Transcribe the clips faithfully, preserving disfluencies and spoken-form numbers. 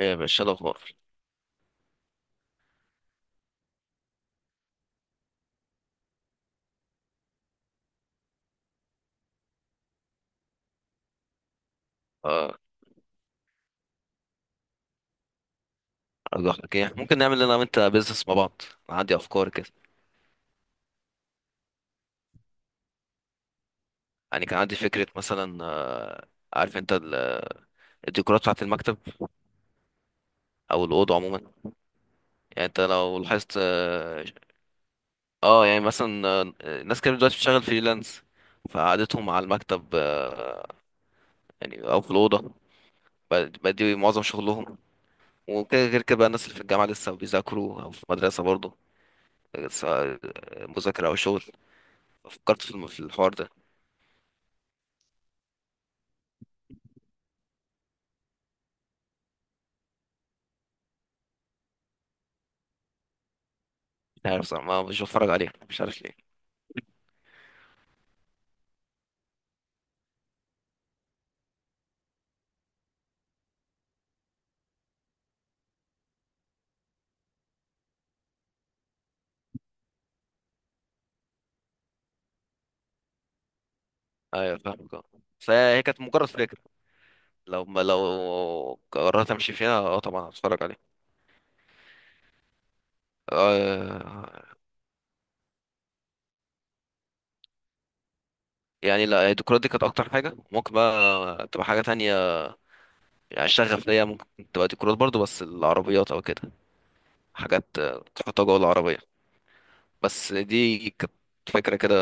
ايه يا باشا، إيه الاخبار؟ اه. الله يحفظك، ايه ممكن نعمل انا وانت بيزنس مع بعض؟ انا عندي افكار كده. يعني كان عندي فكره مثلا، آه، عارف انت ال- الديكورات بتاعه المكتب او الاوضه عموما. يعني انت لو لاحظت، اه آه، يعني مثلا، آه، ناس كتير دلوقتي بتشتغل فريلانس، فقعدتهم على المكتب، آه، يعني او في الاوضه، بقى- بقى دي معظم شغلهم. وكده غير كده بقى، الناس اللي في الجامعه لسه بيذاكروا او في المدرسه برضه، سواء مذاكره او شغل. فكرت في الم- في الحوار ده. لا، عارف صراحة ما مش بتفرج عليه، مش عارف ليه. ايوه فاهمك. اه فهي كانت مجرد فكرة. لو ما لو قررت امشي فيها، اه طبعا هتفرج عليه. آه يعني لا، الديكورات دي كانت اكتر حاجة، ممكن بقى تبقى حاجة تانية. يعني الشغف ليا ممكن تبقى ديكورات برضو، بس العربيات او كده، حاجات آه، تحطها جوه العربية. بس دي كانت فكرة كده،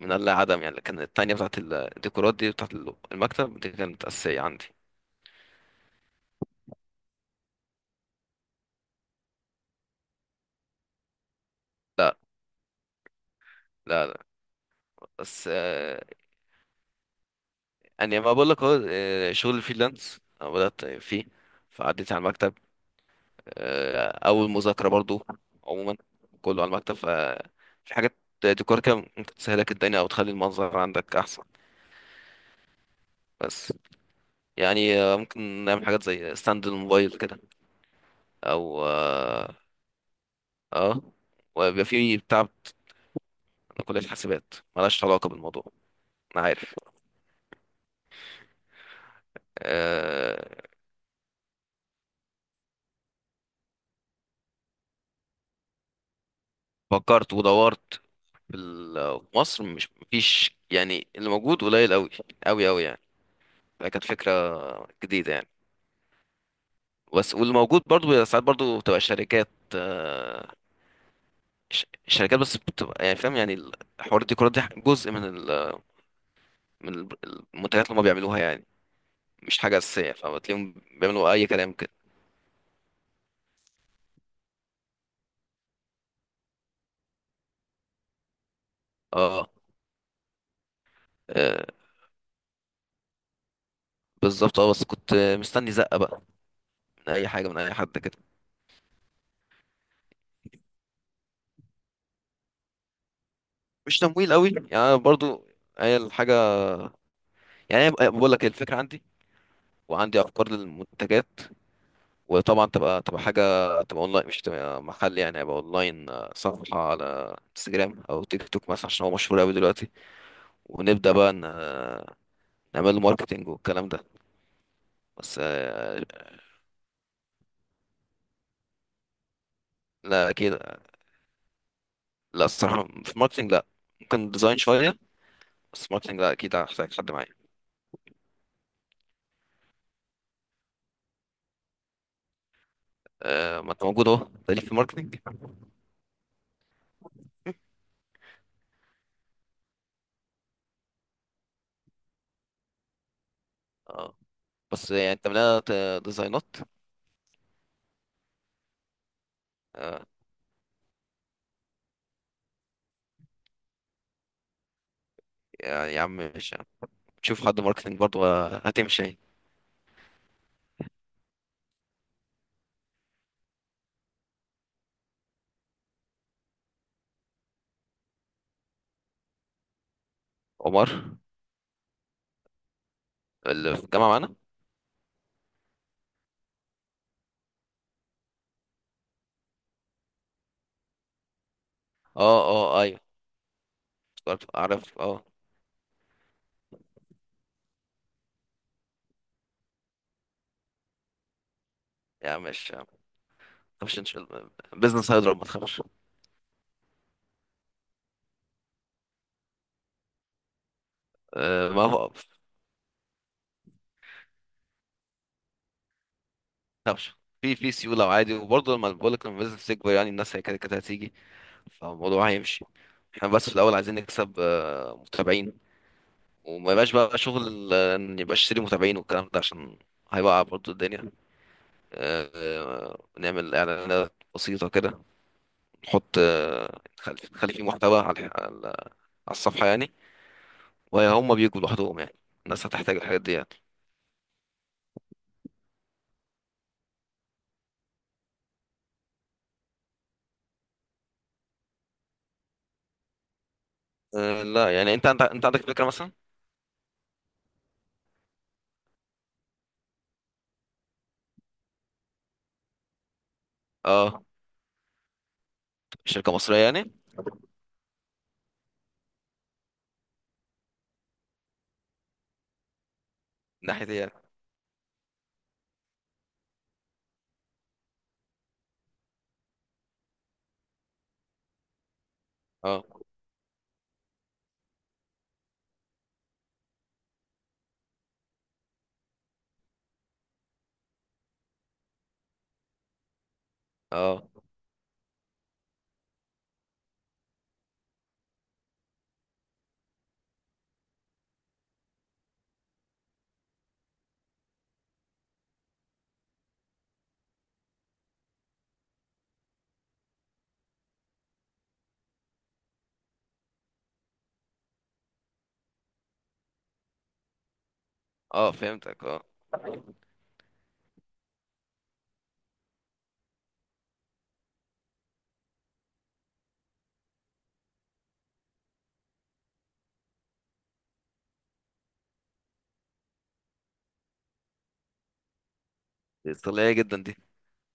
من اللا عدم يعني، لكن التانية بتاعت الديكورات دي، بتاعت المكتب دي، كانت أساسية عندي. لا، لا. بس آه، يعني ما بقول لك اهو، آه، شغل الفريلانس أنا بدأت فيه، فعديت على المكتب، آه، أو المذاكرة برضو. عموما كله على المكتب، ففي حاجات ديكور كده ممكن تسهلك الدنيا أو تخلي المنظر عندك أحسن. بس يعني آه، ممكن نعمل حاجات زي ستاند الموبايل كده، أو اه آه، ويبقى في بتاع. أنا كلية حاسبات، ملهاش علاقة بالموضوع. أنا عارف. آه، فكرت ودورت، ال- في مصر مش مفيش يعني، اللي موجود قليل قوي قوي قوي يعني. فكانت فكرة جديدة يعني. بس واللي موجود برضو بيبقى ساعات، برضو بتبقى شركات، آه، ش- شركات بس، بتبقى يعني، فاهم يعني. الحوار الديكورات دي جزء من ال من ال- المنتجات اللي هم بيعملوها يعني، مش حاجة أساسية، فبتلاقيهم بيعملوا أي كلام كده. اه. آه، بالظبط. اه بس كنت مستني زقة بقى، من أي حاجة، من أي حد كده. مش تمويل قوي يعني، أنا برضو، هي الحاجة، يعني أنا بقول لك الفكرة عندي، وعندي افكار للمنتجات. وطبعا تبقى تبقى حاجه، تبقى اونلاين مش تبقى محل يعني، هيبقى اونلاين، آه، صفحه على انستجرام او تيك توك مثلا، عشان هو مشهور قوي دلوقتي. ونبدا بقى، ن- آه، نعمل له ماركتنج والكلام ده. بس آه، لا اكيد. لا، الصراحه في ماركتنج لا، ممكن ديزاين شويه، بس ماركتنج لا، اكيد هحتاج حد معايا. آه، ما انت موجود اهو، تاليف في الماركتنج. اه، بس يعني انت مليانة ديزاينات. آه، يعني يا يا عم مش شوف حد ماركتنج برضه، آه، هتمشي. عمر اللي في الجامعة معانا؟ اه، اه، ايوه، افتكرت اعرف. اه، يا عم مش ما تخافش، ان شاء الله بزنس هيضرب، ما تخافش. آه، ما هو- ما تخافش، في في سيولة وعادي. وبرضه لما بقول لك، لما البيزنس يكبر يعني، الناس هي كده كده هتيجي، فالموضوع هيمشي. احنا بس في الاول عايزين نكسب آه، متابعين، وما يبقاش بقى شغل آه، ان يبقى اشتري متابعين والكلام ده، عشان هيوقع برضه الدنيا. آه، آه، نعمل اعلانات بسيطة كده، نحط آه، نخلي نخلي فيه محتوى على على على الصفحة يعني، وهم بيجوا لوحدهم يعني، الناس هتحتاج الحاجات دي يعني. أه لا، يعني انت انت انت عندك فكرة مثلا؟ اه، شركة مصرية يعني، من ناحية ايه يعني؟ اه، اه، اه، فهمتك. اه، دي استغلالية جدا دي،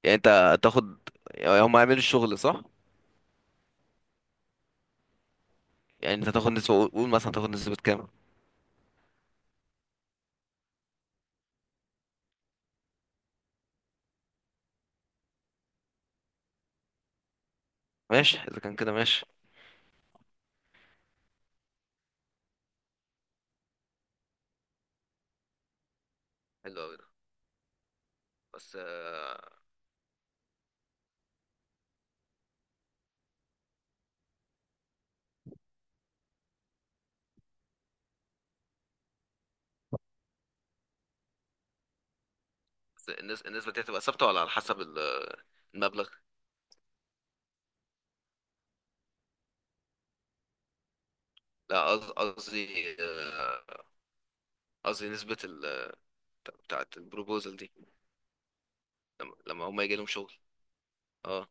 يعني انت تاخد، يعني هم هيعملوا الشغل صح؟ يعني انت تاخد نسبة، قول قول مثلا تاخد نسبة كام؟ ماشي، اذا كان كده ماشي. حلو قوي ده. بس آه، بس النس- النسبة دي هتبقى ثابتة، ولا على حسب ال- المبلغ؟ لا، قص- قصدي، آه، قصدي نسبة ال، بتاعة البروبوزال دي، لما لما هم يجي لهم شغل. اه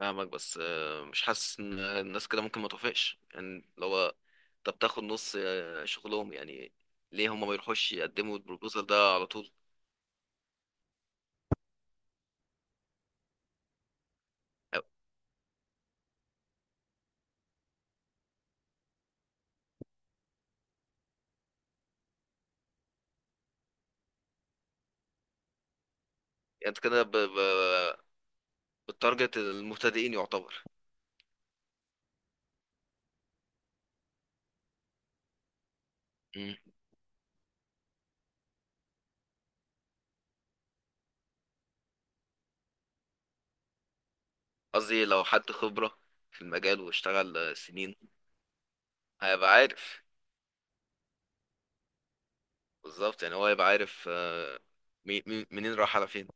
فاهمك. بس آه، مش حاسس ان الناس كده ممكن ما توافقش يعني، لو هو، طب تاخد نص آه، شغلهم يعني؟ ليه هم ما يروحوش يقدموا البروبوزال ده على طول؟ أو- يعني انت كده، ب... ب... بالتارجت المبتدئين يعتبر. مم. قصدي لو حد خبرة في المجال واشتغل آه، سنين، هيبقى عارف بالظبط، يعني هو هيبقى عارف آه، مي... مي... منين راح على فين.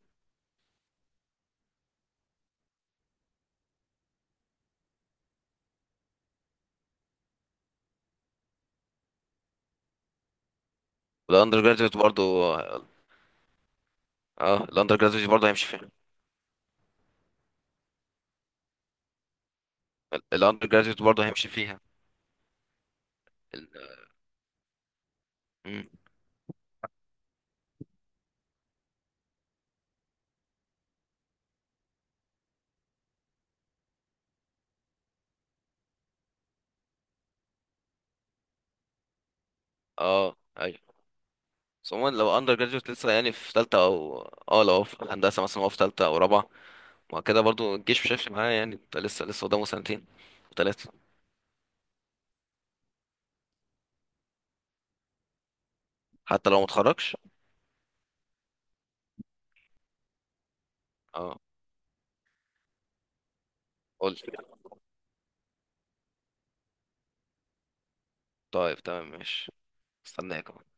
والاندر جراديوت برضه؟ اه، الاندر جراديوت برضه هيمشي فيها. الاندر جراديوت برضه هيمشي فيها. ال... مم. اه ايوه. بس عموما لو اندر جراديوت لسه يعني في تالتة او، اه لو هو في هندسة مثلا، هو في تالتة او رابعة، ما كده برضو الجيش مش هيفرق معاه يعني، انت لسه لسه قدامه سنتين وتلاتة. حتى لو متخرجش؟ اه. قول. طيب تمام ماشي. استناك.